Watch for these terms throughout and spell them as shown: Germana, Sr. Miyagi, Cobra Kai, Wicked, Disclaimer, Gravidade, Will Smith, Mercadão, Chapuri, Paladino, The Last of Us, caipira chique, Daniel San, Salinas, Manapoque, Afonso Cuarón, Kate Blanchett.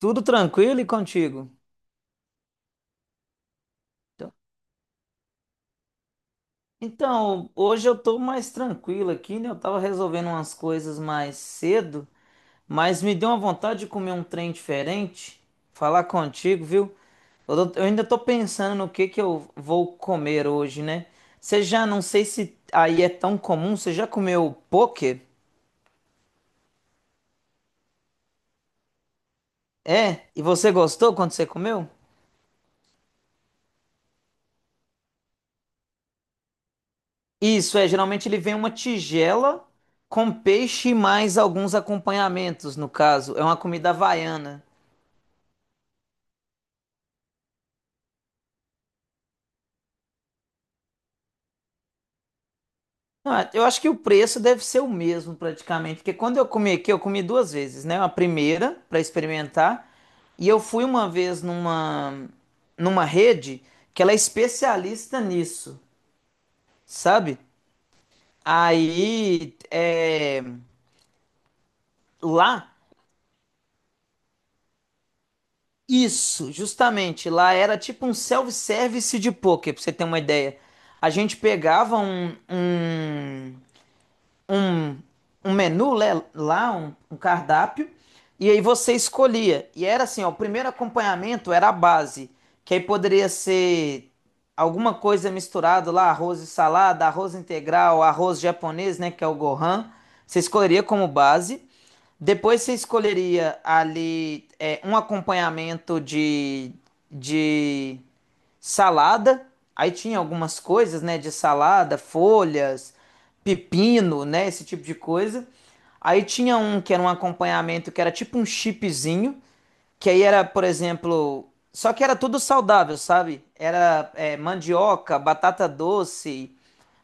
Tudo tranquilo e contigo? Então, então, hoje eu tô mais tranquilo aqui, né? Eu tava resolvendo umas coisas mais cedo, mas me deu uma vontade de comer um trem diferente. Falar contigo, viu? Eu ainda tô pensando no que eu vou comer hoje, né? Não sei se aí é tão comum, você já comeu poke? É? E você gostou quando você comeu? Isso, é, geralmente ele vem uma tigela com peixe e mais alguns acompanhamentos, no caso. É uma comida havaiana. Não, é, eu acho que o preço deve ser o mesmo praticamente, porque quando eu comi aqui, eu comi duas vezes, né? A primeira para experimentar, e eu fui uma vez numa rede que ela é especialista nisso, sabe? Aí, é, lá Isso, justamente. Lá era tipo um self-service de poker, pra você ter uma ideia. A gente pegava um, um menu né, lá, um cardápio, e aí você escolhia. E era assim, ó, o primeiro acompanhamento era a base, que aí poderia ser alguma coisa misturado lá, arroz e salada, arroz integral, arroz japonês, né, que é o Gohan. Você escolheria como base. Depois você escolheria ali é, um acompanhamento de salada, aí tinha algumas coisas, né, de salada, folhas, pepino, né, esse tipo de coisa. Aí tinha um que era um acompanhamento que era tipo um chipzinho, que aí era, por exemplo, só que era tudo saudável, sabe? Era é, mandioca, batata doce,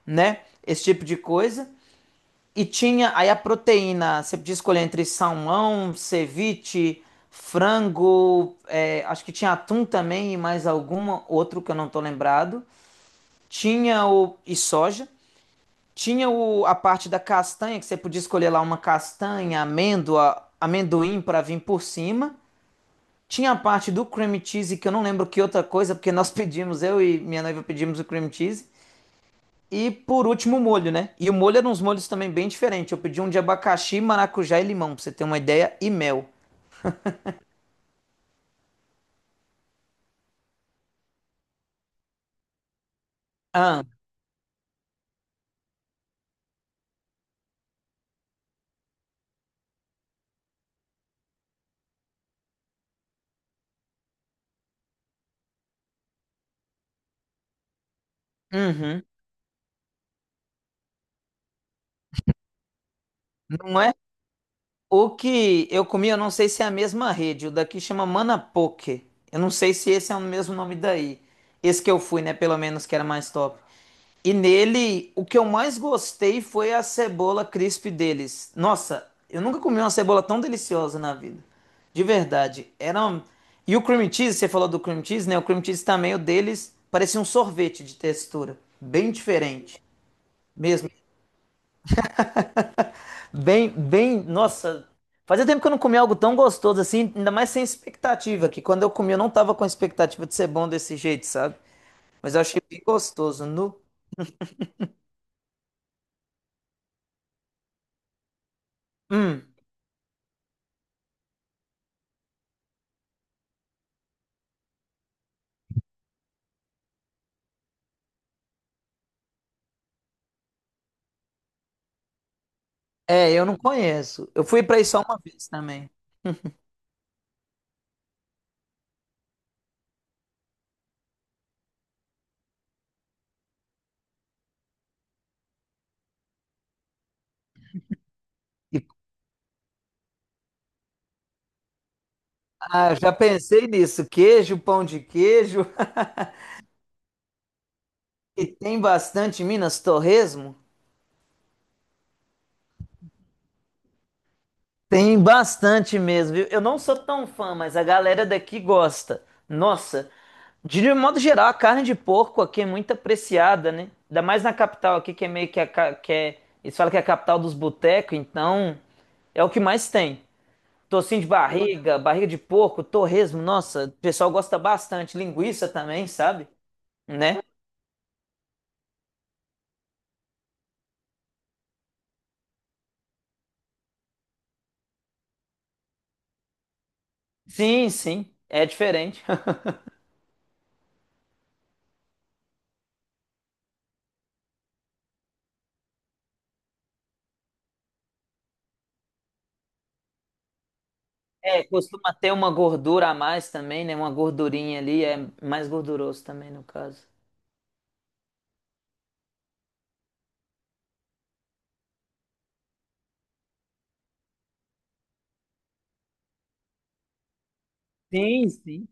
né, esse tipo de coisa. E tinha aí a proteína, você podia escolher entre salmão, ceviche, frango, é, acho que tinha atum também e mais alguma, outro que eu não tô lembrado. E soja. A parte da castanha, que você podia escolher lá uma castanha, amêndoa, amendoim para vir por cima. Tinha a parte do cream cheese, que eu não lembro que outra coisa, porque nós pedimos, eu e minha noiva pedimos o cream cheese. E por último, o molho, né? E o molho era uns molhos também bem diferentes. Eu pedi um de abacaxi, maracujá e limão, pra você ter uma ideia, e mel. Ah, uhum. Não é O que eu comi, eu não sei se é a mesma rede. O daqui chama Manapoque. Eu não sei se esse é o mesmo nome daí. Esse que eu fui, né? Pelo menos que era mais top. E nele, o que eu mais gostei foi a cebola crisp deles. Nossa, eu nunca comi uma cebola tão deliciosa na vida. De verdade. E o cream cheese, você falou do cream cheese, né? O cream cheese também, o deles, parecia um sorvete de textura. Bem diferente. Mesmo. Bem, bem, nossa, fazia tempo que eu não comia algo tão gostoso assim, ainda mais sem expectativa, que quando eu comi eu não tava com expectativa de ser bom desse jeito, sabe? Mas eu achei bem gostoso, nu. Hum, É, eu não conheço. Eu fui pra aí só uma vez também. E, ah, já pensei nisso, queijo, pão de queijo, e tem bastante em Minas, torresmo. Tem bastante mesmo, viu? Eu não sou tão fã, mas a galera daqui gosta. Nossa, de modo geral, a carne de porco aqui é muito apreciada, né? Ainda mais na capital aqui, que é meio que a, que é, eles falam que é a capital dos botecos, então é o que mais tem. Tocinho de barriga, barriga de porco, torresmo, nossa, o pessoal gosta bastante. Linguiça também, sabe? Né? Sim, sim, é diferente. É, costuma ter uma gordura a mais também, né? Uma gordurinha ali, é mais gorduroso também, no caso. Sim, sim.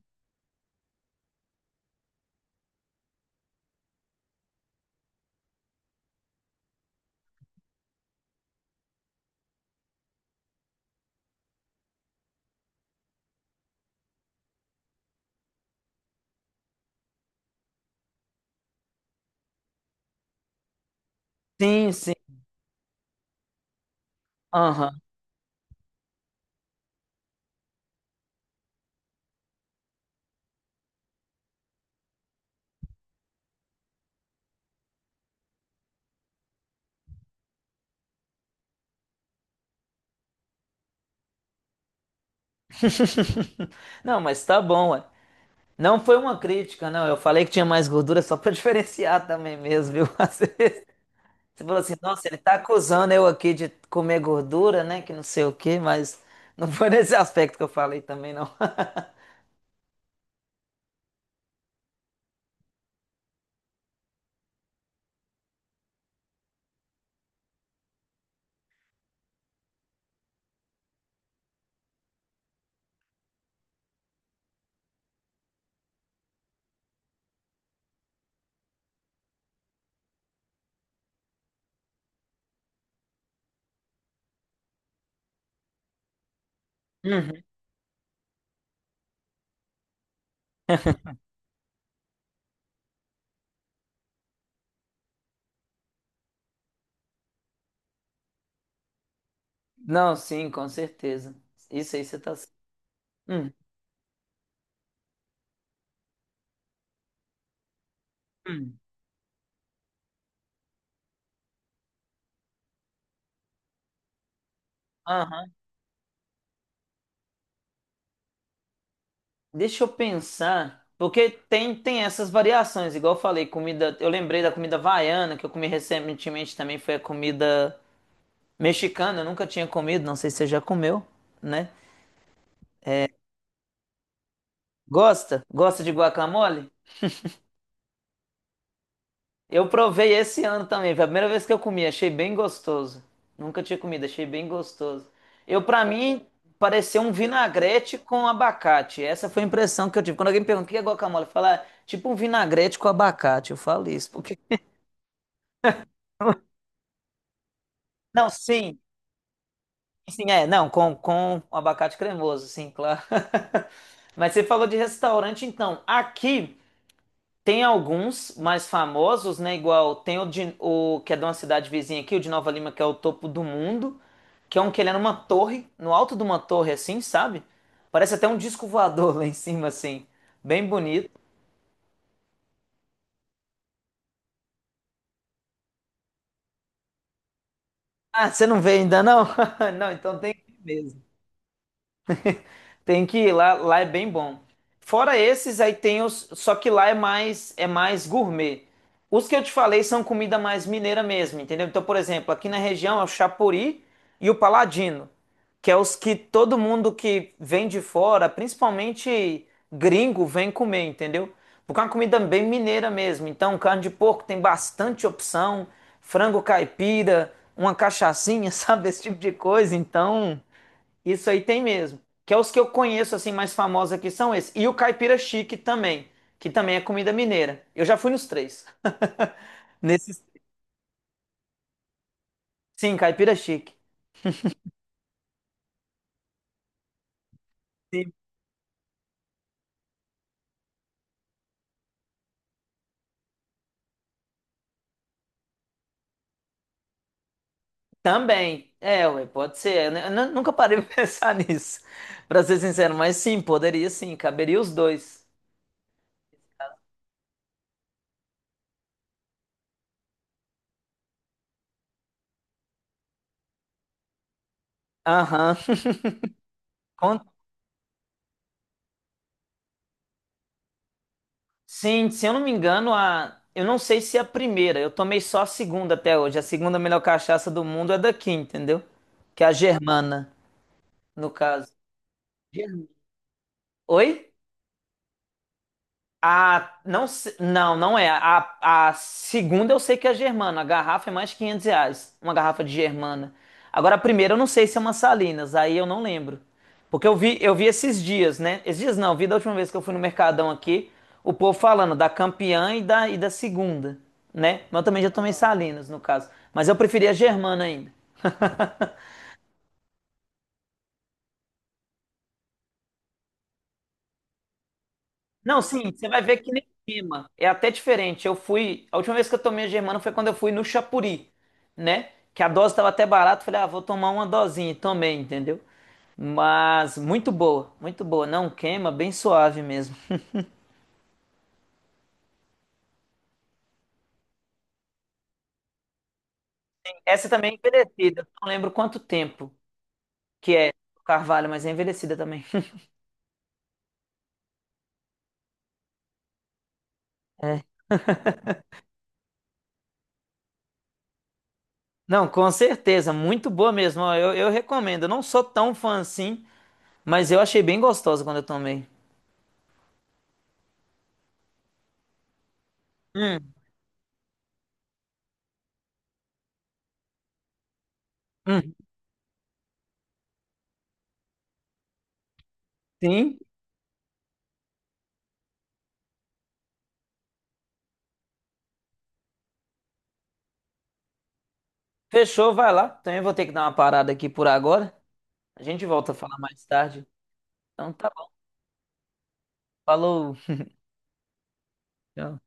Sim, sim. Aham. Não, mas tá bom, ué. Não foi uma crítica, não. Eu falei que tinha mais gordura só pra diferenciar também mesmo, viu? Às vezes você falou assim, nossa, ele tá acusando eu aqui de comer gordura, né? Que não sei o quê, mas não foi nesse aspecto que eu falei também, não. Uhum. Não, sim, com certeza. Isso aí você tá. Hum, hum. Aham. Deixa eu pensar, porque tem essas variações, igual eu falei, comida, eu lembrei da comida havaiana, que eu comi recentemente também, foi a comida mexicana, eu nunca tinha comido, não sei se você já comeu, né? Gosta? Gosta de guacamole? Eu provei esse ano também, foi a primeira vez que eu comi, achei bem gostoso. Nunca tinha comido, achei bem gostoso. Pra mim, pareceu um vinagrete com abacate, essa foi a impressão que eu tive. Quando alguém pergunta o que é guacamole, eu falo, "Ah, tipo um vinagrete com abacate, eu falo isso, porque... Não, sim. Sim, é, não, com abacate cremoso, sim, claro. Mas você falou de restaurante, então. Aqui tem alguns mais famosos, né? Igual tem o que é de uma cidade vizinha aqui, o de Nova Lima, que é o topo do mundo, que é um que ele é numa torre, no alto de uma torre, assim, sabe? Parece até um disco voador lá em cima, assim. Bem bonito. Ah, você não vê ainda, não? Não, então tem que ir mesmo. Tem que ir lá, lá é bem bom. Fora esses, aí só que lá é mais gourmet. Os que eu te falei são comida mais mineira mesmo, entendeu? Então, por exemplo, aqui na região é o Chapuri e o Paladino, que é os que todo mundo que vem de fora, principalmente gringo, vem comer, entendeu? Porque é uma comida bem mineira mesmo. Então, carne de porco tem bastante opção, frango caipira, uma cachaçinha, sabe? Esse tipo de coisa. Então, isso aí tem mesmo. Que é os que eu conheço assim mais famosos aqui são esses. E o caipira chique também, que também é comida mineira. Eu já fui nos três. Nesses, sim, caipira chique. Sim. Também. É, ué, pode ser. Eu nunca parei pra pensar nisso, pra ser sincero, mas sim, poderia sim, caberia os dois. Aham. Con- Sim, se eu não me engano, eu não sei se é a primeira, eu tomei só a segunda até hoje. A segunda melhor cachaça do mundo é daqui, entendeu? Que é a Germana, no caso. Oi? A, não, não, não é. A segunda eu sei que é a Germana. A garrafa é mais de 500 reais. Uma garrafa de Germana. Agora, a primeira eu não sei se é uma Salinas. Aí eu não lembro. Porque eu vi esses dias, né? Esses dias não, eu vi da última vez que eu fui no Mercadão aqui, o povo falando da campeã e da segunda, né? Mas eu também já tomei Salinas, no caso. Mas eu preferi a Germana ainda. Não, sim, você vai ver que nem queima. É até diferente. Eu fui. A última vez que eu tomei a Germana foi quando eu fui no Chapuri, né? Que a dose estava até barata. Falei, ah, vou tomar uma dosinha. E tomei, entendeu? Mas muito boa, muito boa. Não queima, bem suave mesmo. Essa também é envelhecida. Não lembro quanto tempo que é o Carvalho, mas é envelhecida também. É. Não, com certeza. Muito boa mesmo. Ó, eu recomendo. Eu não sou tão fã assim, mas eu achei bem gostosa quando eu tomei. Hum, hum. Sim. Fechou, vai lá. Também vou ter que dar uma parada aqui por agora. A gente volta a falar mais tarde. Então tá bom. Falou. Tchau.